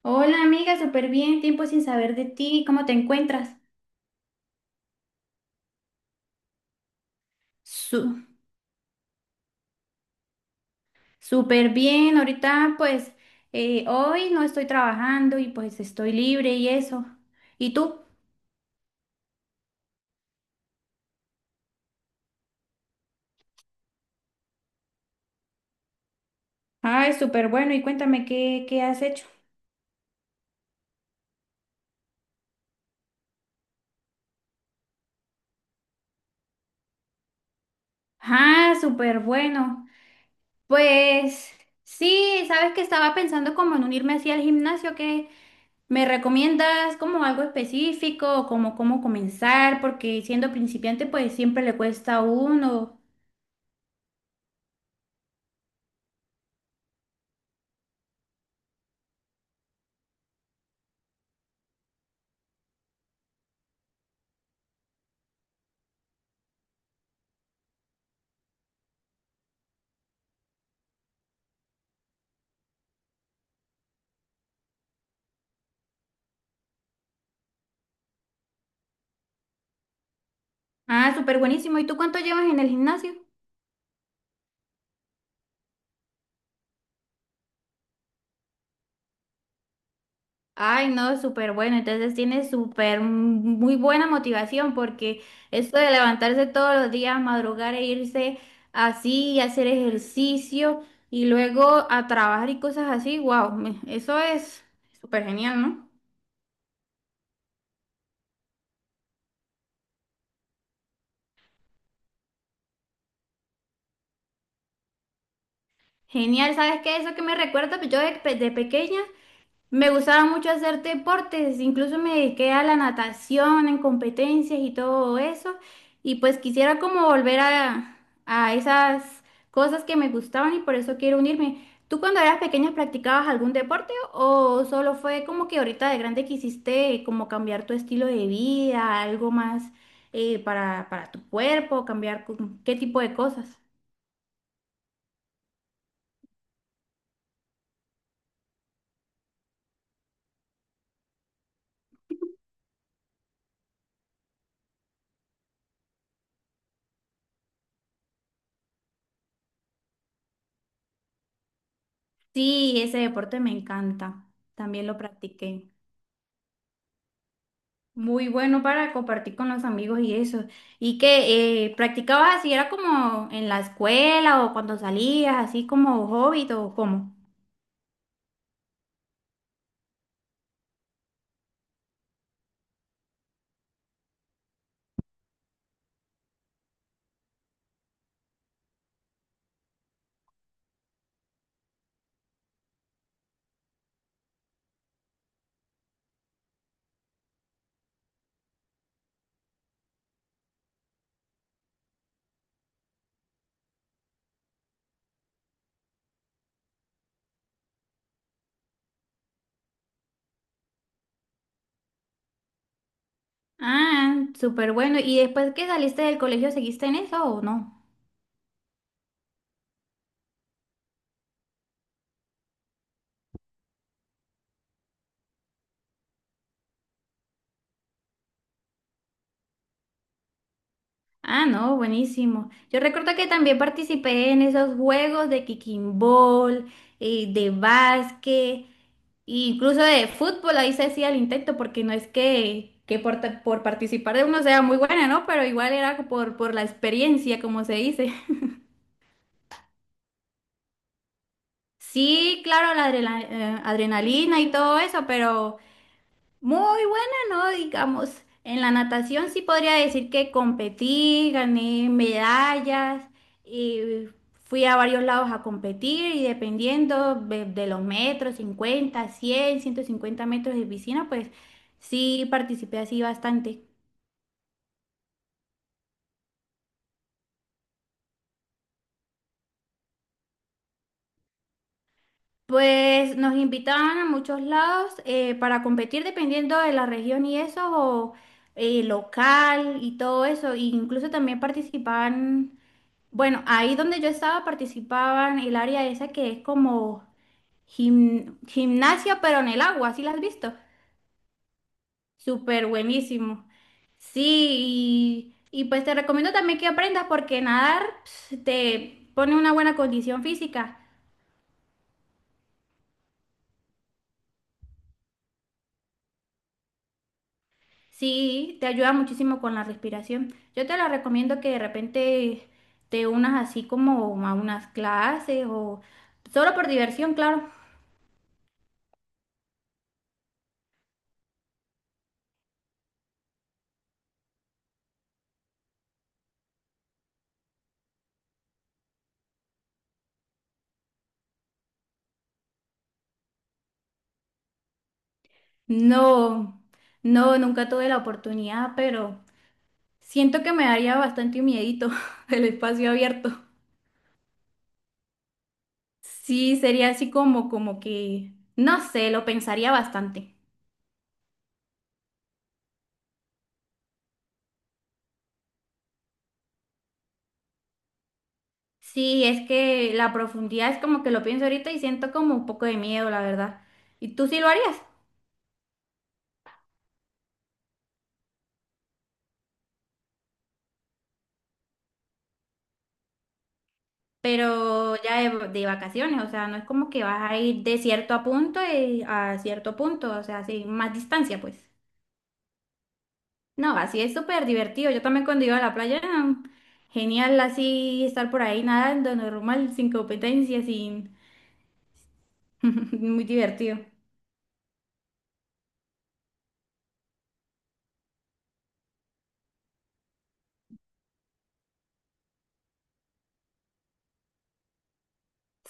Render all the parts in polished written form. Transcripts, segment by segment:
Hola amiga, súper bien, tiempo sin saber de ti, ¿cómo te encuentras? Su- Súper bien, ahorita pues hoy no estoy trabajando y pues estoy libre y eso. ¿Y tú? Ay, súper bueno, y cuéntame qué has hecho. Ah, súper bueno. Pues sí, sabes que estaba pensando como en unirme así al gimnasio, que me recomiendas como algo específico, como cómo comenzar, porque siendo principiante pues siempre le cuesta a uno. Ah, súper buenísimo. ¿Y tú cuánto llevas en el gimnasio? Ay, no, súper bueno. Entonces tienes súper muy buena motivación porque esto de levantarse todos los días, madrugar e irse así y hacer ejercicio y luego a trabajar y cosas así, wow, eso es súper genial, ¿no? Genial, ¿sabes qué? Eso que me recuerda, pues yo de pequeña me gustaba mucho hacer deportes, incluso me dediqué a la natación en competencias y todo eso. Y pues quisiera como volver a esas cosas que me gustaban y por eso quiero unirme. ¿Tú cuando eras pequeña practicabas algún deporte o solo fue como que ahorita de grande quisiste como cambiar tu estilo de vida, algo más para tu cuerpo, qué tipo de cosas? Sí, ese deporte me encanta, también lo practiqué. Muy bueno para compartir con los amigos y eso. ¿Y que practicabas así? ¿Era como en la escuela o cuando salías, así como hobby o cómo? Ah, súper bueno. ¿Y después que saliste del colegio, seguiste en eso o no? Ah, no, buenísimo. Yo recuerdo que también participé en esos juegos de kicking ball, de básquet, incluso de fútbol, ahí se hacía el intento, porque no es que por participar de uno sea muy buena, ¿no? Pero igual era por la experiencia, como se dice. Sí, claro, la adrenalina y todo eso, pero... Muy buena, ¿no? Digamos, en la natación sí podría decir que competí, gané medallas y fui a varios lados a competir y dependiendo de los metros, 50 100 150 metros de piscina, pues sí participé así bastante. Pues nos invitaban a muchos lados para competir dependiendo de la región y eso, o local y todo eso. E incluso también participaban. Bueno, ahí donde yo estaba participaban el área esa que es como gimnasia, pero en el agua, ¿sí la has visto? Súper buenísimo. Sí, y pues te recomiendo también que aprendas porque nadar ps, te pone una buena condición física. Sí, te ayuda muchísimo con la respiración. Yo te la recomiendo que de repente te unas así como a unas clases o solo por diversión, claro. No, no, nunca tuve la oportunidad, pero... Siento que me daría bastante miedito el espacio abierto. Sí, sería así como que, no sé, lo pensaría bastante. Sí, es que la profundidad es como que lo pienso ahorita y siento como un poco de miedo, la verdad. ¿Y tú sí lo harías? Pero ya de vacaciones, o sea, no es como que vas a ir de cierto a punto y a cierto punto, o sea, sí, más distancia, pues. No, así es súper divertido. Yo también cuando iba a la playa, mm, genial así estar por ahí nadando, normal, sin competencia, sin muy divertido.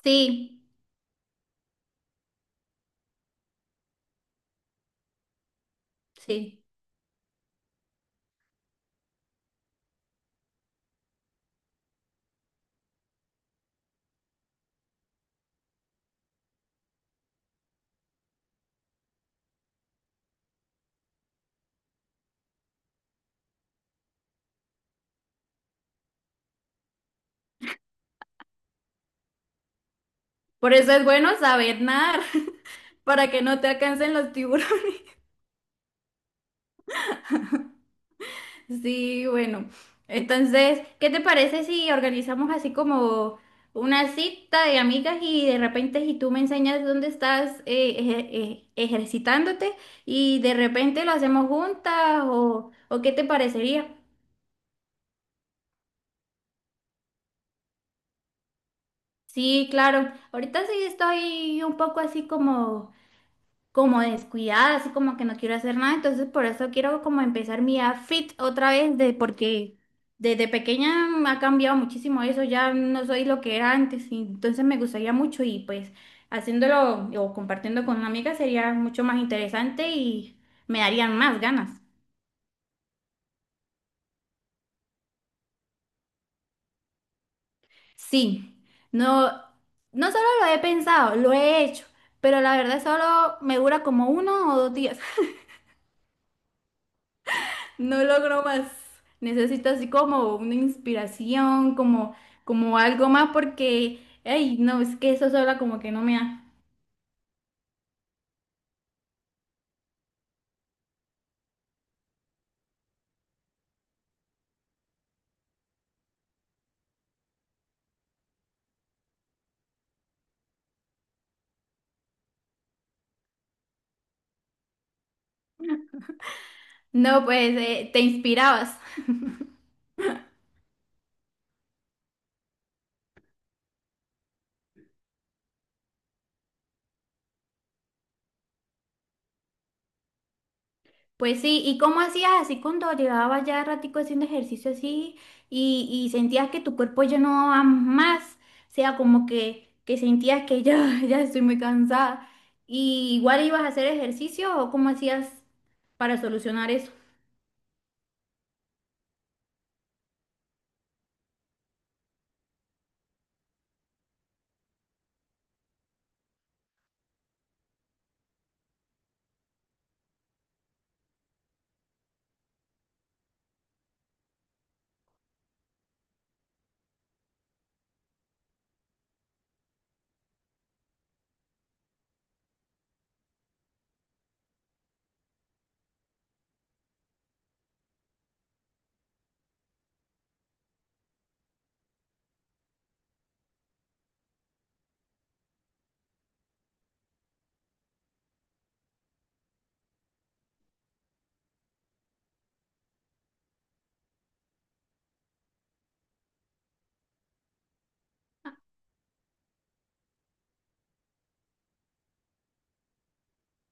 Sí, sí. Por eso es bueno saber nadar, para que no te alcancen los tiburones. Sí, bueno. Entonces, ¿qué te parece si organizamos así como una cita de amigas y de repente si tú me enseñas dónde estás ejercitándote y de repente lo hacemos juntas o qué te parecería? Sí, claro. Ahorita sí estoy un poco así como... como descuidada, así como que no quiero hacer nada, entonces por eso quiero como empezar mi vida fit otra vez, de, porque desde pequeña me ha cambiado muchísimo eso, ya no soy lo que era antes, y entonces me gustaría mucho y pues haciéndolo o compartiendo con una amiga sería mucho más interesante y me darían más ganas. Sí, no, no solo lo he pensado, lo he hecho, pero la verdad solo me dura como uno o dos días. No logro más. Necesito así como una inspiración, como, como algo más, porque, ay, no, es que eso sola como que no me da. No, pues te inspirabas. Pues sí, ¿y cómo hacías así cuando llevabas ya ratico haciendo ejercicio así y sentías que tu cuerpo ya no va más? O sea, como que sentías que ya, ya estoy muy cansada. ¿Y igual ibas a hacer ejercicio o cómo hacías para solucionar eso?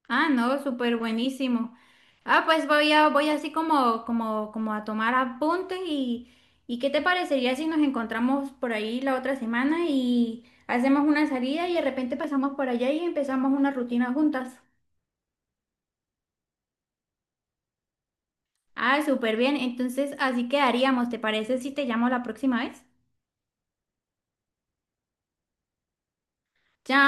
Ah, no, súper buenísimo. Ah, pues voy voy así como a tomar apuntes y ¿qué te parecería si nos encontramos por ahí la otra semana y hacemos una salida y de repente pasamos por allá y empezamos una rutina juntas? Ah, súper bien. Entonces así quedaríamos. ¿Te parece si te llamo la próxima vez? Chao.